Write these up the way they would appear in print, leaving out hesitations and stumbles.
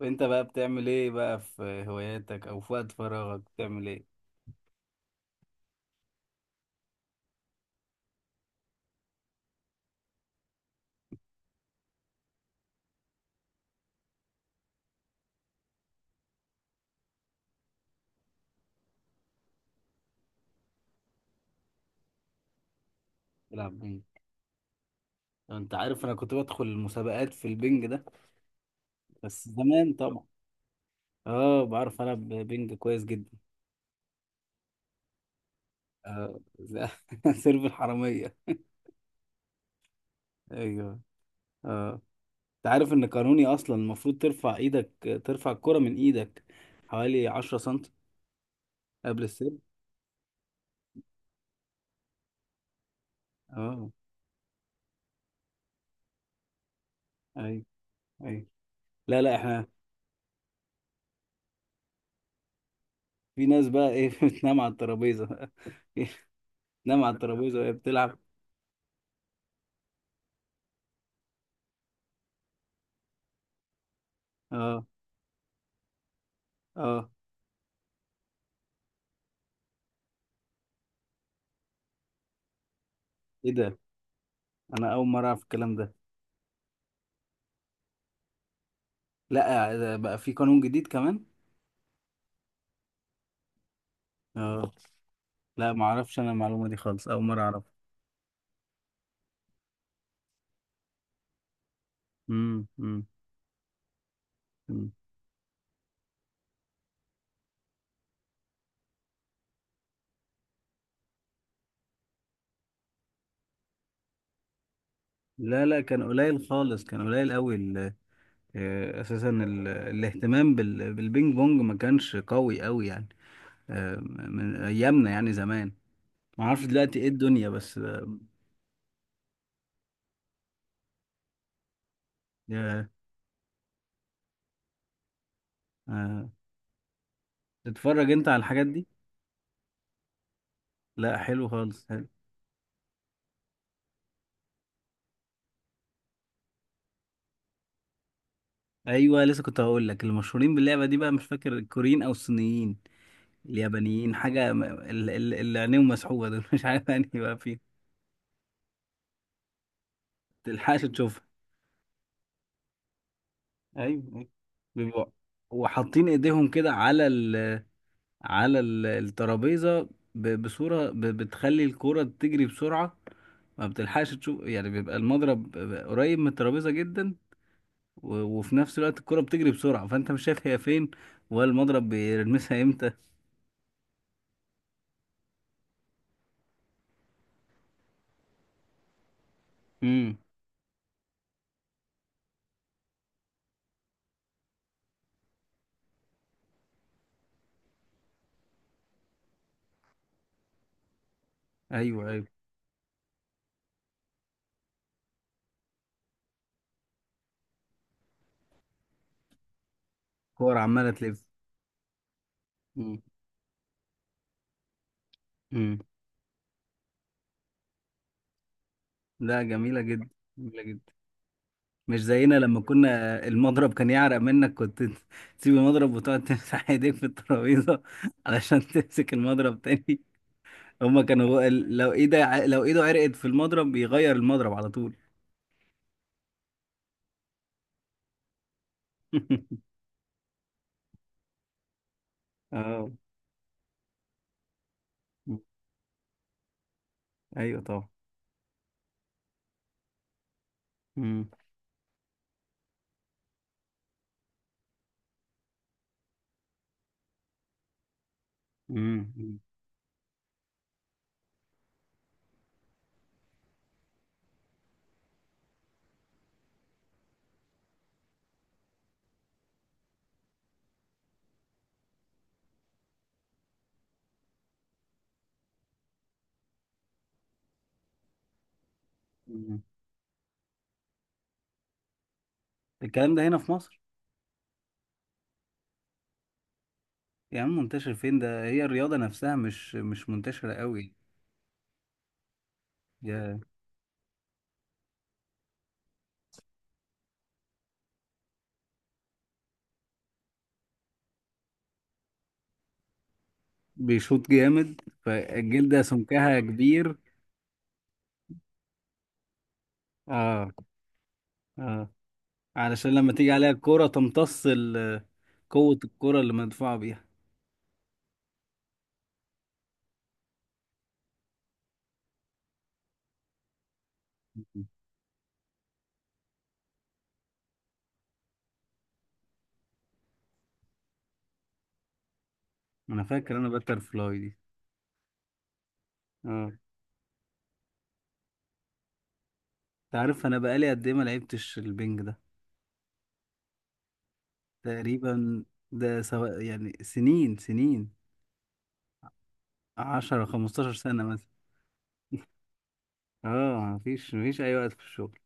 وانت بقى بتعمل ايه بقى في هواياتك او في وقت فراغك بتعمل ايه؟ تلعب ايه؟ لو انت عارف، انا كنت بدخل المسابقات في البنج ده، بس زمان طبعا. اه، بعرف العب بنج كويس جدا. اه، لا. سيرف الحرامية. ايوه. اه. انت عارف ان قانوني اصلا المفروض ترفع ايدك، ترفع الكرة من ايدك حوالي 10 سنتي قبل السيرف. اه. ايوه. ايوه. لا لا، احنا في ناس بقى ايه بتنام على الترابيزة بتنام على الترابيزة وهي بتلعب. اه. اه. ايه ده؟ انا اول مره اعرف الكلام ده. لا ده بقى في قانون جديد كمان. اه. لا، ما اعرفش انا المعلومه دي خالص، اول مره اعرف. امم. امم. أمم. لا لا، كان قليل خالص، كان قليل قوي اساسا الاهتمام بالبينج بونج ما كانش قوي قوي يعني. من ايامنا يعني زمان. ما اعرفش دلوقتي ايه الدنيا، بس يا- آه، تتفرج انت على الحاجات دي؟ لا حلو خالص، حلو. ايوه، لسه كنت هقول لك المشهورين باللعبه دي، بقى مش فاكر الكوريين او الصينيين اليابانيين حاجة اللي عينيهم مسحوبة دول مش عارف يعني بقى فيه. متلحقش تشوفها. أيوة، أيوة. بيبقوا وحاطين إيديهم كده على ال، على الترابيزة، بصورة بتخلي الكرة تجري بسرعة. ما بتلحقش تشوف يعني، بيبقى المضرب قريب من الترابيزة جدا، وفي نفس الوقت الكرة بتجري بسرعة فأنت مش شايف هي فين ولا المضرب بيرمسها إمتى. امم. أيوه، أيوه. الكورة عمالة تلف. امم. امم. لا، جميلة جدا، جميلة جدا. مش زينا لما كنا، المضرب كان يعرق منك، كنت تسيب المضرب وتقعد تمسح ايديك في الترابيزة علشان تمسك المضرب تاني. هما كانوا لو ايده عرقت في المضرب بيغير المضرب على طول. اه. ايوه طبعا. مم. مم. مم. الكلام ده هنا في مصر؟ يا عم منتشر فين ده، هي الرياضة نفسها مش منتشرة قوي. يا بيشوط جامد فالجلدة سمكها كبير. اه. اه. علشان لما تيجي عليها الكورة تمتص قوة الكورة اللي مدفوعة بيها. انا فاكر انا باتر فلاي دي. اه. انت عارف انا بقالي قد ايه ما لعبتش البنج ده؟ تقريبا، ده سواء يعني سنين سنين، 10 15 سنة مثلا. اه، مفيش، اي وقت في الشغل.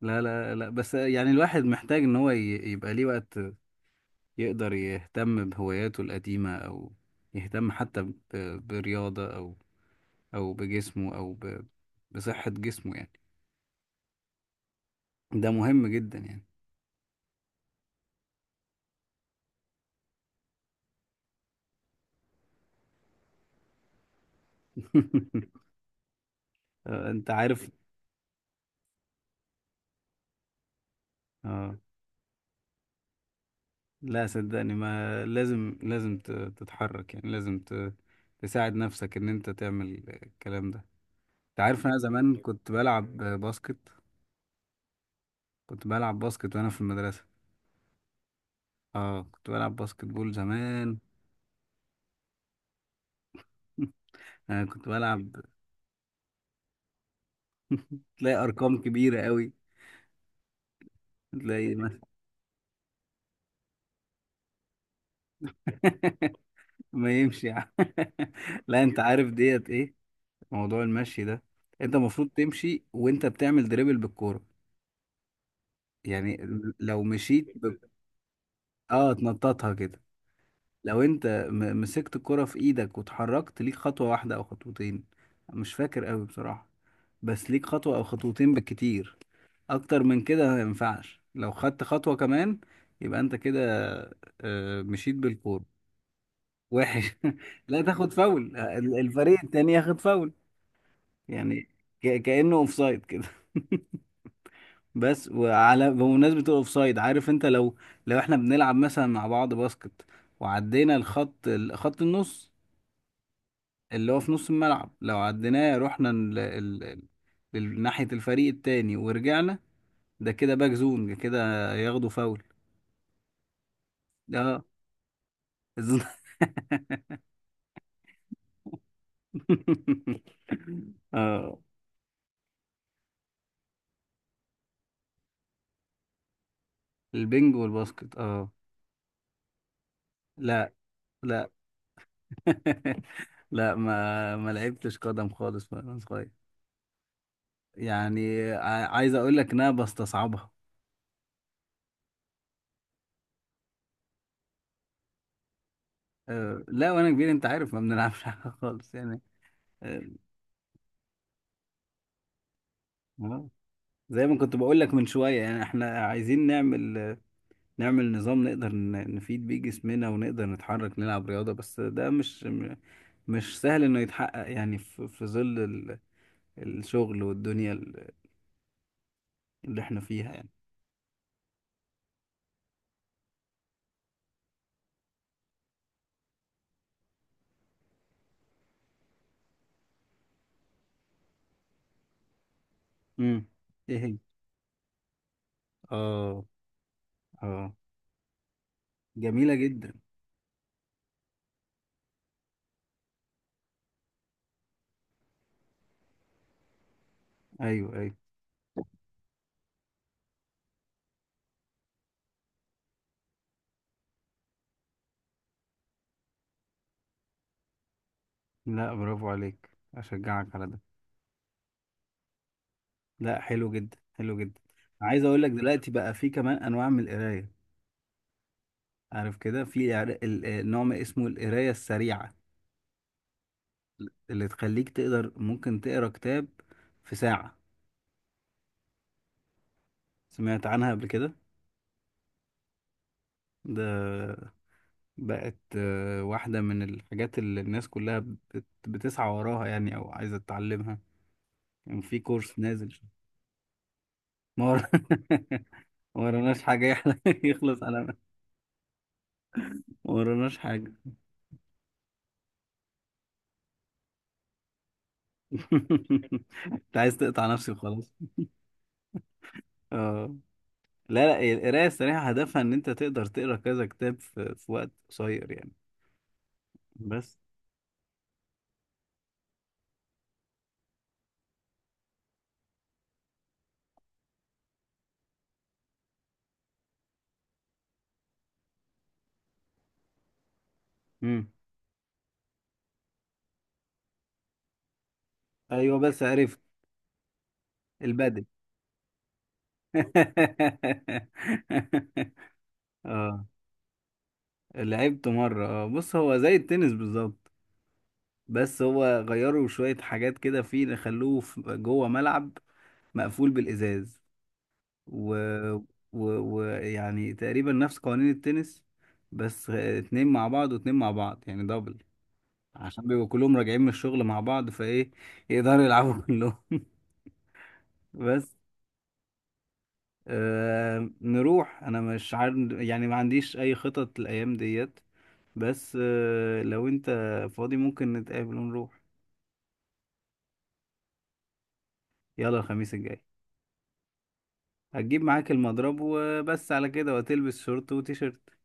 لا لا لا، بس يعني الواحد محتاج ان هو يبقى ليه وقت، يقدر يهتم بهواياته القديمة، او يهتم حتى برياضة، او او بجسمه، او بصحة جسمه يعني. ده مهم جدا يعني. انت عارف. اه. لا صدقني، ما لازم لازم تتحرك يعني، لازم تساعد نفسك ان انت تعمل الكلام ده. انت عارف انا زمان كنت بلعب باسكت، كنت بلعب باسكت وانا في المدرسة. اه، كنت بلعب باسكت بول زمان. انا كنت بلعب. تلاقي ارقام كبيرة قوي. تلاقي ما. ما يمشي يعني. لا انت عارف ديت ايه؟ موضوع المشي ده، انت المفروض تمشي وانت بتعمل دريبل بالكورة يعني. لو مشيت ب... اه، تنططها كده. لو انت مسكت الكرة في ايدك واتحركت ليك خطوة واحدة او خطوتين، مش فاكر قوي بصراحة، بس ليك خطوة او خطوتين بالكتير. اكتر من كده ما ينفعش، لو خدت خطوة كمان يبقى انت كده مشيت بالكورة. وحش. لا، تاخد فاول، الفريق التاني ياخد فاول يعني. كأنه اوفسايد كده. بس وعلى بمناسبة الاوفسايد، عارف انت لو، احنا بنلعب مثلا مع بعض باسكت وعدينا الخط خط النص اللي هو في نص الملعب، لو عديناه رحنا ناحية الفريق التاني ورجعنا، ده كده باك زون، ده كده ياخدوا فاول. اه. الزون- اه، البنج والباسكت اه. لا. لا. لا، ما لعبتش قدم خالص وانا صغير، يعني عايز اقول لك ان انا بستصعبها. لا، وانا كبير انت عارف ما بنلعبش حاجه خالص يعني. آه، آه. زي ما كنت بقول لك من شويه يعني احنا عايزين نعمل، نعمل نظام نقدر نفيد بيه جسمنا، ونقدر نتحرك نلعب رياضه. بس ده مش مش سهل انه يتحقق يعني، في ظل الشغل والدنيا اللي احنا فيها يعني. امم. ايه هي؟ اه. اه. جميله جدا. ايوه، ايوه. لا، برافو عليك، اشجعك على ده. لا حلو جدا، حلو جدا. عايز اقول لك دلوقتي بقى في كمان انواع من القرايه. عارف كده في نوع ما اسمه القرايه السريعه، اللي تخليك تقدر ممكن تقرا كتاب في ساعه. سمعت عنها قبل كده؟ ده بقت واحده من الحاجات اللي الناس كلها بتسعى وراها يعني، او عايزه تتعلمها. كان في كورس نازل، ما ور- ما وراناش حاجه يخلص على ما، ما وراناش حاجه. انت عايز تقطع نفسي وخلاص. اه. لا لا، هي القراية السريعة هدفها إن أنت تقدر تقرا كذا كتاب في، وقت قصير يعني. بس. مم. أيوه بس عرفت البدل. اه، لعبت مرة. اه بص هو زي التنس بالظبط، بس هو غيروا شوية حاجات كده، فيه، خلوه جوه ملعب مقفول بالإزاز، و، يعني تقريبا نفس قوانين التنس، بس اتنين مع بعض واتنين مع بعض، يعني دبل. عشان بيبقوا كلهم راجعين من الشغل مع بعض، فايه يقدروا يلعبوا كلهم. بس. نروح، انا مش عارف يعني، ما عنديش اي خطط الايام ديت، بس لو انت فاضي ممكن نتقابل ونروح. يلا الخميس الجاي. هتجيب معاك المضرب وبس، على كده، وتلبس شورت وتيشيرت.